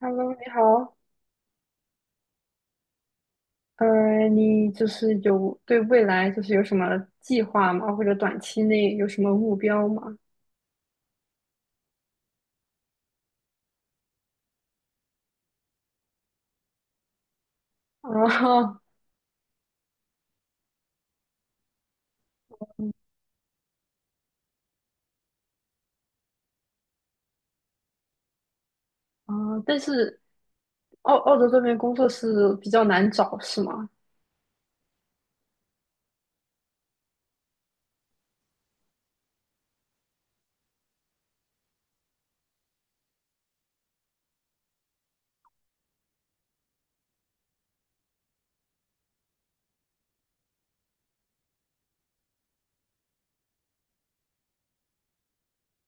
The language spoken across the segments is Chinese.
Hello,你好。你就是有对未来就是有什么计划吗？或者短期内有什么目标吗？哦。啊，但是澳洲这边工作是比较难找，是吗？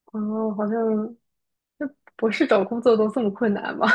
哦，好像就博士找工作都这么困难吗？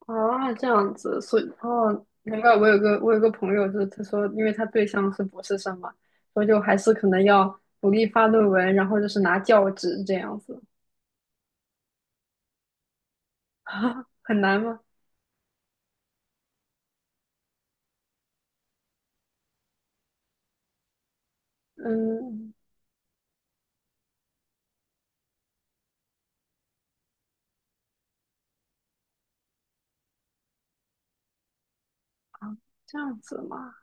啊，这样子，所以哦，难怪我有个朋友，就是他说，因为他对象是博士生嘛，所以就还是可能要努力发论文，然后就是拿教职这样子。很难吗？嗯。啊，这样子嘛？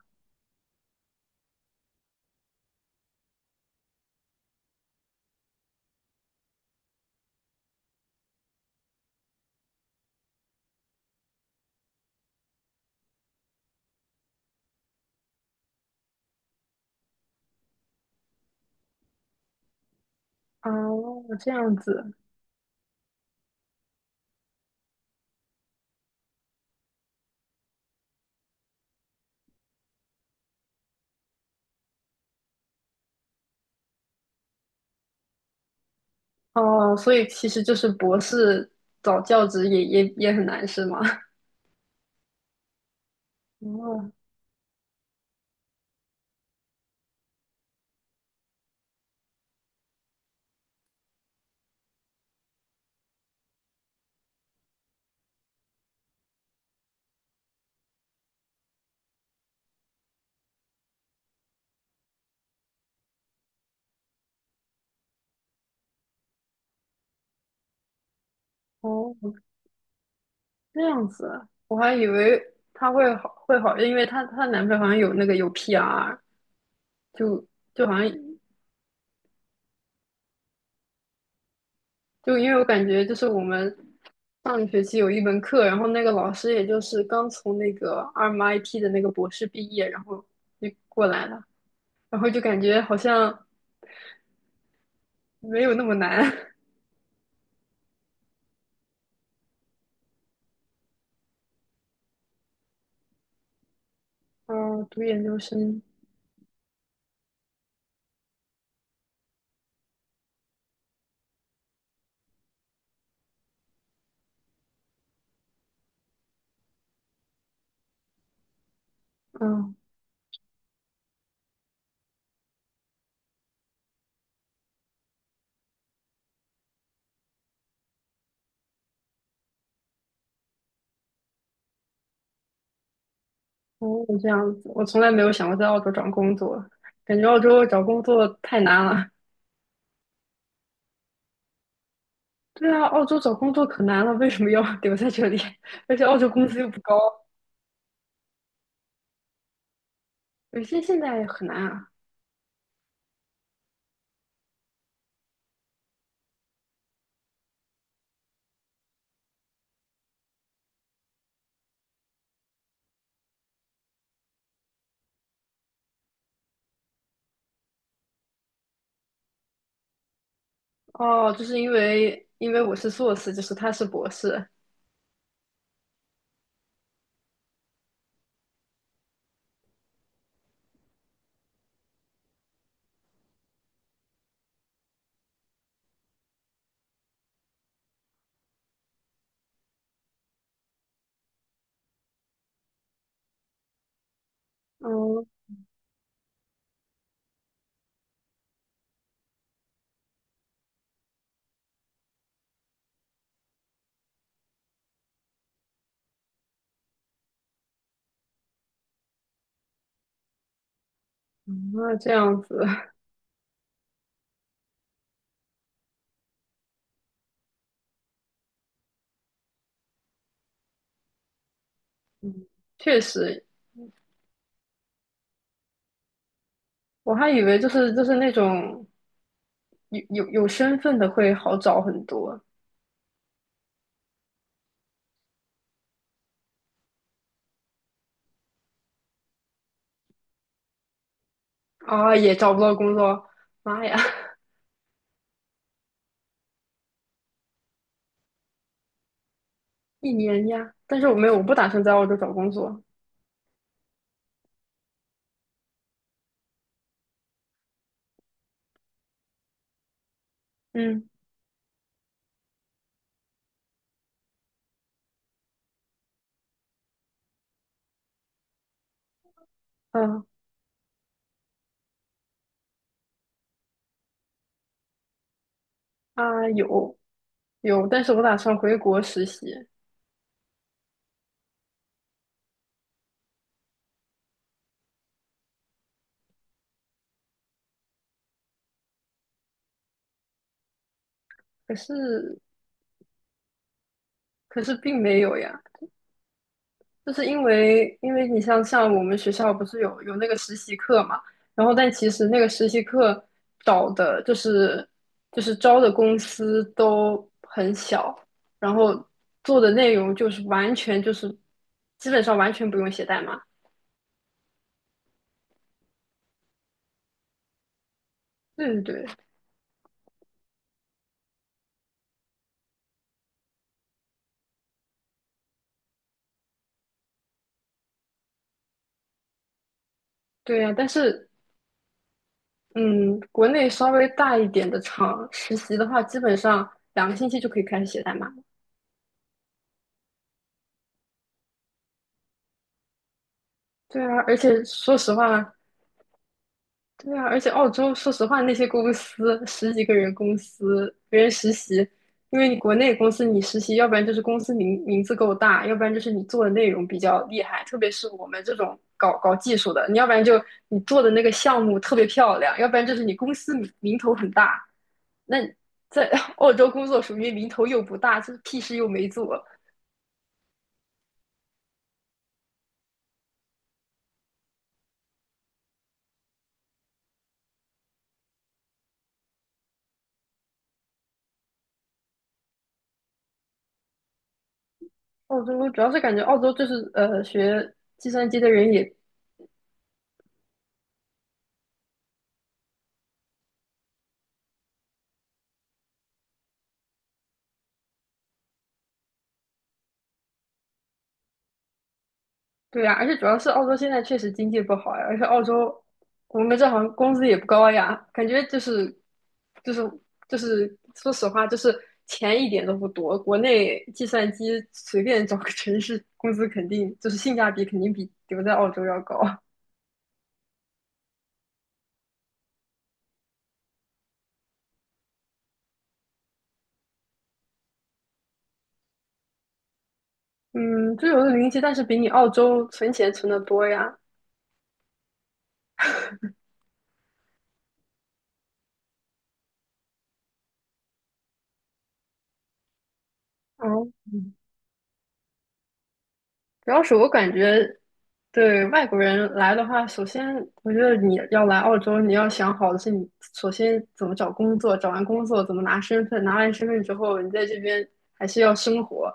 哦，这样子。哦，所以其实就是博士找教职也很难是吗？哦哦，这样子，我还以为她会好，因为她男朋友好像有那个有 PR,就就好像就因为我感觉就是我们上个学期有一门课，然后那个老师也就是刚从那个 RMIT 的那个博士毕业，然后就过来了，然后就感觉好像没有那么难。嗯，读研究生。嗯。哦，这样子，我从来没有想过在澳洲找工作，感觉澳洲找工作太难了。对啊，澳洲找工作可难了，为什么要 留在这里？而且澳洲工资又不高。有些现在很难啊。哦，就是因为我是硕士，就是他是博士。哦。嗯那这样子。确实，我还以为就是那种有身份的会好找很多。啊，也找不到工作，妈呀！一年呀，但是我没有，我不打算在澳洲找工作。嗯嗯。啊，有，但是我打算回国实习。可是可是并没有呀，就是因为你像我们学校不是有那个实习课嘛，然后但其实那个实习课找的就是招的公司都很小，然后做的内容就是完全就是基本上完全不用写代码。对对对。对呀，但是嗯，国内稍微大一点的厂实习的话，基本上两个星期就可以开始写代码了。对啊，而且说实话，对啊，而且澳洲说实话，那些公司十几个人公司，别人实习，因为你国内公司你实习，要不然就是公司名字够大，要不然就是你做的内容比较厉害，特别是我们这种搞技术的，你要不然就你做的那个项目特别漂亮，要不然就是你公司名头很大。那在 澳洲工作属于名头又不大，就是屁事又没做。澳洲主要是感觉澳洲就是学计算机的人也对呀，而且主要是澳洲现在确实经济不好呀，而且澳洲我们这行工资也不高呀，感觉就是就是说实话就是钱一点都不多，国内计算机随便找个城市工资肯定就是性价比肯定比留在澳洲要高。嗯，就有的零息，但是比你澳洲存钱存的多呀。嗯。主要是我感觉对外国人来的话，首先我觉得你要来澳洲，你要想好的是你首先怎么找工作，找完工作怎么拿身份，拿完身份之后，你在这边还是要生活，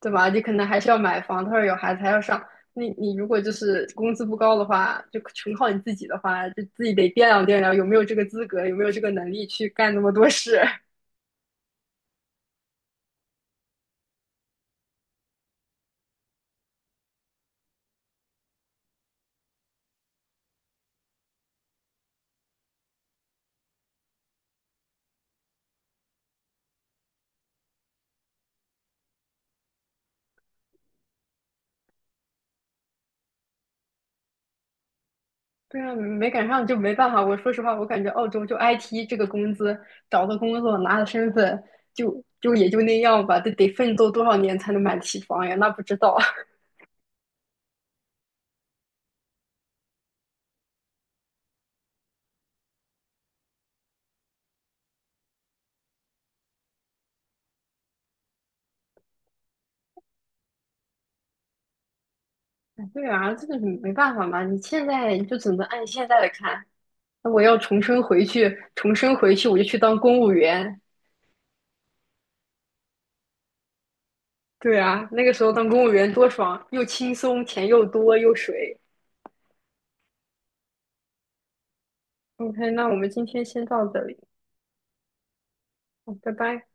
对吧？你可能还是要买房，他说有孩子还要上。那你如果就是工资不高的话，就全靠你自己的话，就自己得掂量有没有这个资格，有没有这个能力去干那么多事。对啊，没赶上就没办法。我说实话，我感觉澳洲就 IT 这个工资，找个工作拿了身份，就也就那样吧。得奋斗多少年才能买得起房呀？那不知道。对啊，这个没办法嘛。你现在你就只能按现在的看。那我要重生回去，重生回去我就去当公务员。对啊，那个时候当公务员多爽，又轻松，钱又多又水。OK,那我们今天先到这里。好，拜拜。